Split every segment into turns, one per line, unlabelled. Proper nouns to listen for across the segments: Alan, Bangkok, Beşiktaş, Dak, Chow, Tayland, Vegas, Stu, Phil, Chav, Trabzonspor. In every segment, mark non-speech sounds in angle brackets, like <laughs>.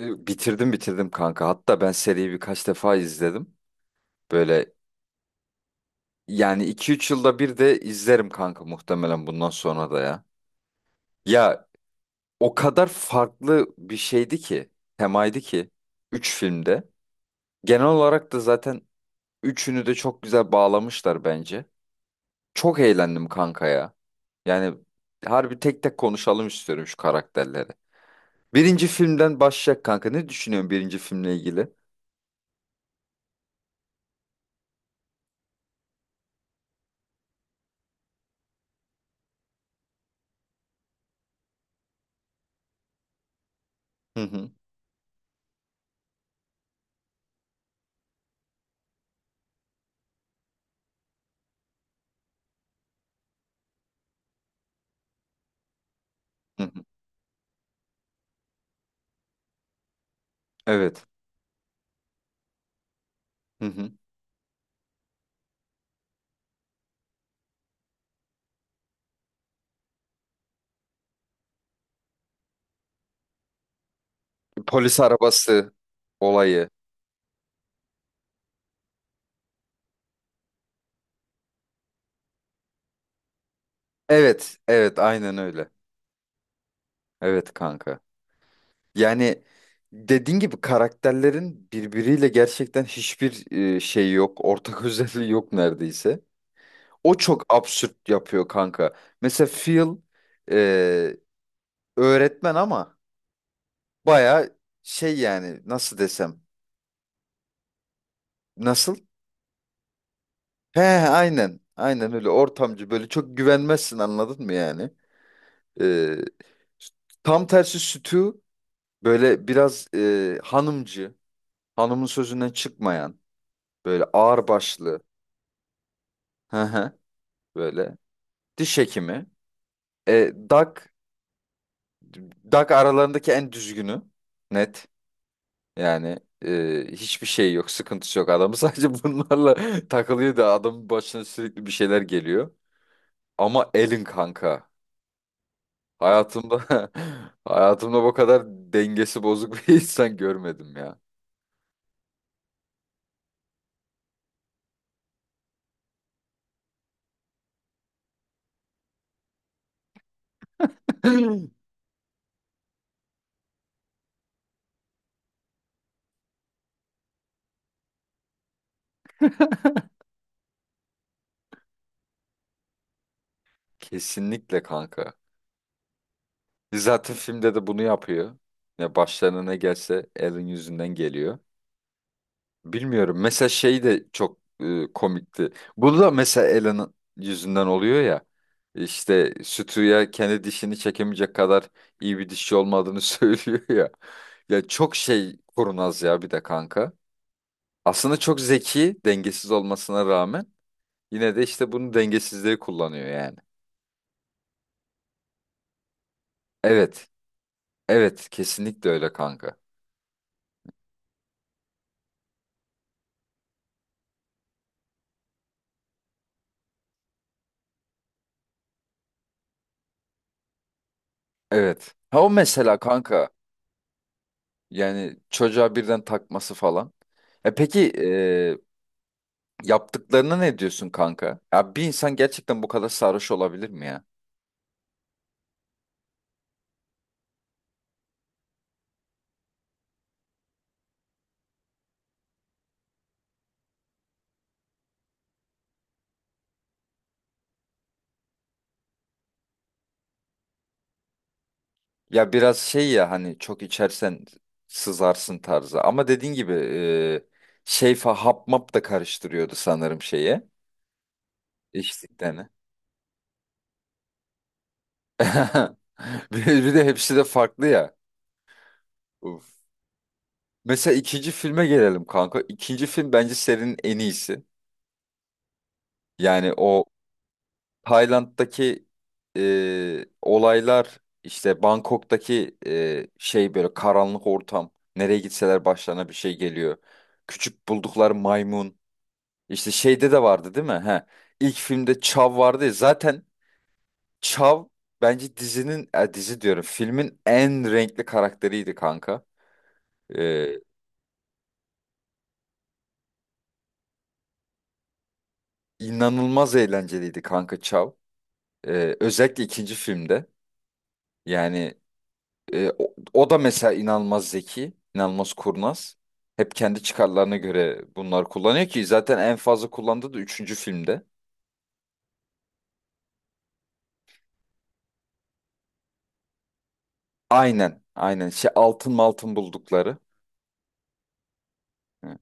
Bitirdim kanka. Hatta ben seriyi birkaç defa izledim. Böyle yani 2-3 yılda bir de izlerim kanka muhtemelen bundan sonra da ya. Ya o kadar farklı bir şeydi ki, temaydı ki 3 filmde. Genel olarak da zaten üçünü de çok güzel bağlamışlar bence. Çok eğlendim kanka ya. Yani harbi tek tek konuşalım istiyorum şu karakterleri. Birinci filmden başlayacak kanka. Ne düşünüyorsun birinci filmle ilgili? Hı hı. Hı hı. Evet. Hı hı. Polis arabası olayı. Evet, evet, aynen öyle. Evet kanka. Yani dediğin gibi karakterlerin birbiriyle gerçekten hiçbir şey yok. Ortak <laughs> özelliği yok neredeyse. O çok absürt yapıyor kanka. Mesela Phil e, öğretmen ama baya şey yani nasıl desem. Nasıl? He aynen. Aynen öyle ortamcı böyle çok güvenmezsin anladın mı yani? E, Tam tersi Stu. Böyle biraz hanımcı, hanımın sözünden çıkmayan, böyle ağırbaşlı, hı hı, böyle diş hekimi. E, Dak, Dak aralarındaki en düzgünü, net. Yani hiçbir şey yok, sıkıntısı yok. Adamı sadece <laughs> bunlarla takılıyor da adamın başına sürekli bir şeyler geliyor. Ama Elin kanka, hayatımda <laughs> hayatımda bu kadar dengesi bozuk bir <laughs> insan görmedim ya. <laughs> Kesinlikle kanka. Zaten filmde de bunu yapıyor. Ya başlarına ne gelse Alan yüzünden geliyor. Bilmiyorum. Mesela şey de çok komikti. Bu da mesela Alan'ın yüzünden oluyor ya. İşte Stu'ya kendi dişini çekemeyecek kadar iyi bir dişçi olmadığını <laughs> söylüyor ya. Ya çok şey kurnaz ya bir de kanka. Aslında çok zeki, dengesiz olmasına rağmen yine de işte bunu dengesizliği kullanıyor yani. Evet. Evet, kesinlikle öyle kanka. Evet. Ha o mesela kanka. Yani çocuğa birden takması falan. E peki yaptıklarına ne diyorsun kanka? Ya bir insan gerçekten bu kadar sarhoş olabilir mi ya? Ya biraz şey ya hani çok içersen sızarsın tarzı. Ama dediğin gibi şey fa hap map da karıştırıyordu sanırım şeye. İçtiklerini. <laughs> Bir de hepsi de farklı ya. Uf. Mesela ikinci filme gelelim kanka. İkinci film bence serinin en iyisi. Yani o Tayland'daki olaylar işte Bangkok'taki şey böyle karanlık ortam. Nereye gitseler başlarına bir şey geliyor. Küçük buldukları maymun. İşte şeyde de vardı değil mi? He. İlk filmde Chav vardı ya. Zaten Chav bence dizinin dizi diyorum filmin en renkli karakteriydi kanka. E, inanılmaz eğlenceliydi kanka Chav. Özellikle ikinci filmde. Yani O da mesela inanılmaz zeki, inanılmaz kurnaz. Hep kendi çıkarlarına göre bunlar kullanıyor ki zaten en fazla kullandığı da üçüncü filmde. Aynen, aynen. Şey altın altın buldukları. Hı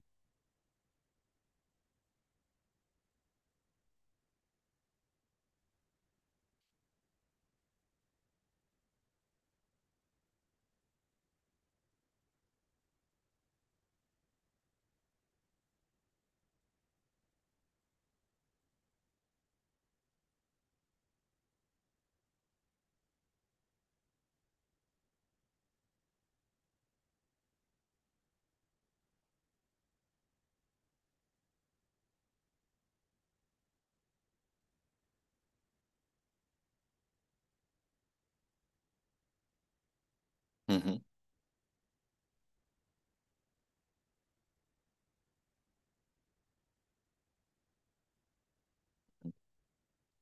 hı. Hı.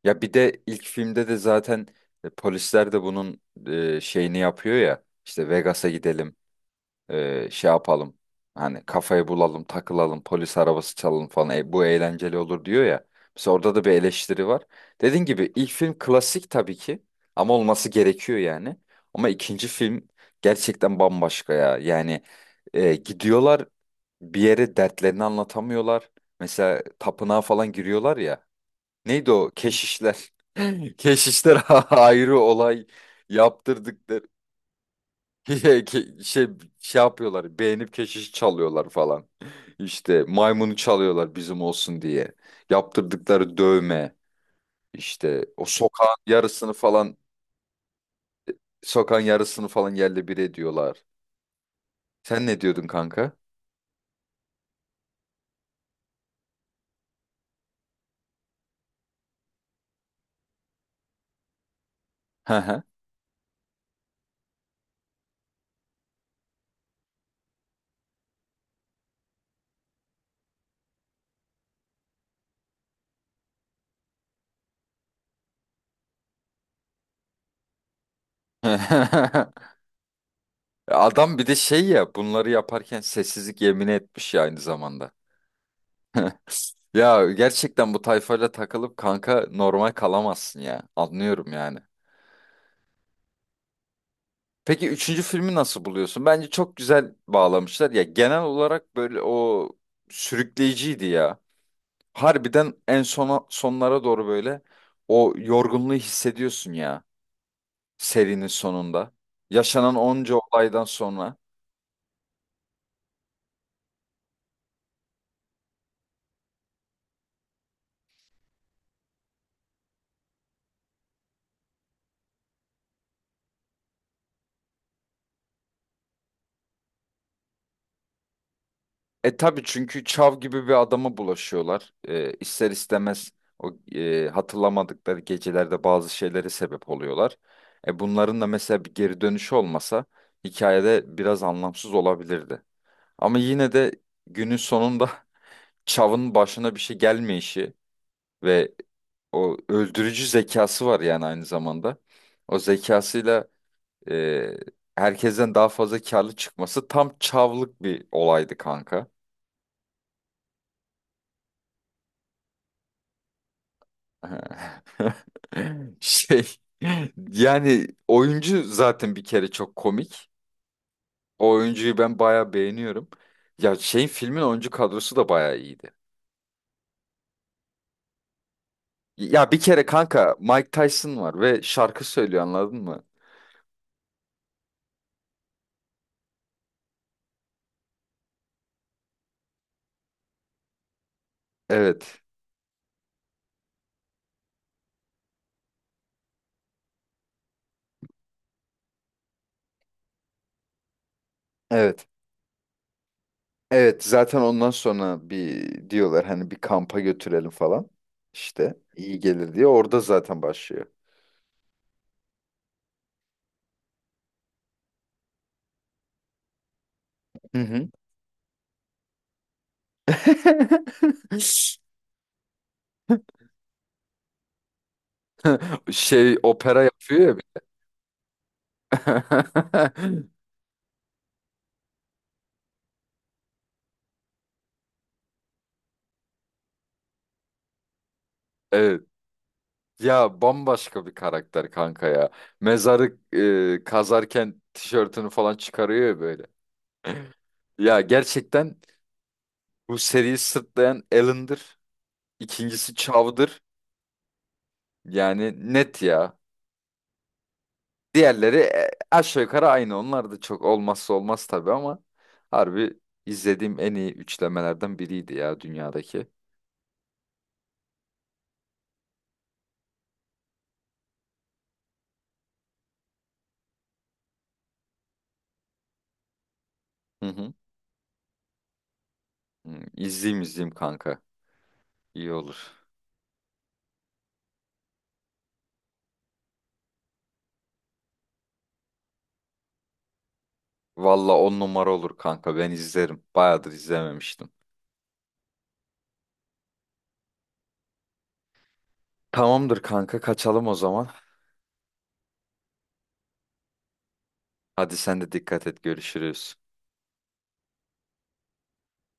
Ya bir de ilk filmde de zaten polisler de bunun şeyini yapıyor ya. İşte Vegas'a gidelim. Şey yapalım. Hani kafayı bulalım, takılalım, polis arabası çalalım falan. E, bu eğlenceli olur diyor ya. Mesela orada da bir eleştiri var. Dediğin gibi ilk film klasik tabii ki. Ama olması gerekiyor yani. Ama ikinci film gerçekten bambaşka ya. Yani gidiyorlar bir yere dertlerini anlatamıyorlar. Mesela tapınağa falan giriyorlar ya. Neydi o? Keşişler. <laughs> Keşişler <laughs> ayrı olay yaptırdık. <laughs> Ke- şey şey yapıyorlar beğenip keşiş çalıyorlar falan. İşte maymunu çalıyorlar bizim olsun diye. Yaptırdıkları dövme işte o sokağın yarısını falan sokağın yarısını falan yerle bir ediyorlar. Sen ne diyordun kanka? Hı hı. <laughs> Adam bir de şey ya bunları yaparken sessizlik yemini etmiş ya aynı zamanda. <laughs> Ya gerçekten bu tayfayla takılıp kanka normal kalamazsın ya. Anlıyorum yani. Peki üçüncü filmi nasıl buluyorsun? Bence çok güzel bağlamışlar. Ya genel olarak böyle o sürükleyiciydi ya. Harbiden en sona sonlara doğru böyle o yorgunluğu hissediyorsun ya serinin sonunda. Yaşanan onca olaydan sonra. Tabii çünkü Çav gibi bir adama bulaşıyorlar. E, ister istemez o hatırlamadıkları gecelerde bazı şeylere sebep oluyorlar. Bunların da mesela bir geri dönüşü olmasa hikayede biraz anlamsız olabilirdi. Ama yine de günün sonunda <laughs> Çav'ın başına bir şey gelmeyişi ve o öldürücü zekası var yani aynı zamanda. O zekasıyla e, herkesten daha fazla karlı çıkması tam Çav'lık bir olaydı kanka. <laughs> Şey yani oyuncu zaten bir kere çok komik. O oyuncuyu ben bayağı beğeniyorum. Ya şeyin filmin oyuncu kadrosu da bayağı iyiydi. Ya bir kere kanka Mike Tyson var ve şarkı söylüyor anladın mı? Evet. Evet. Evet. Zaten ondan sonra bir diyorlar hani bir kampa götürelim falan. İşte iyi gelir diye orada zaten başlıyor. Hı hı. <laughs> Şey opera yapıyor ya. Bir- <laughs> Evet. Ya bambaşka bir karakter kanka ya. Mezarı kazarken tişörtünü falan çıkarıyor ya böyle. Ya gerçekten bu seriyi sırtlayan Alan'dır. İkincisi Chow'dır. Yani net ya. Diğerleri aşağı yukarı aynı. Onlar da çok olmazsa olmaz tabii ama harbi izlediğim en iyi üçlemelerden biriydi ya dünyadaki. Hı hı. Hı, İzleyeyim izleyeyim kanka. İyi olur. Valla on numara olur kanka. Ben izlerim. Bayağıdır izlememiştim. Tamamdır kanka kaçalım o zaman. Hadi sen de dikkat et görüşürüz.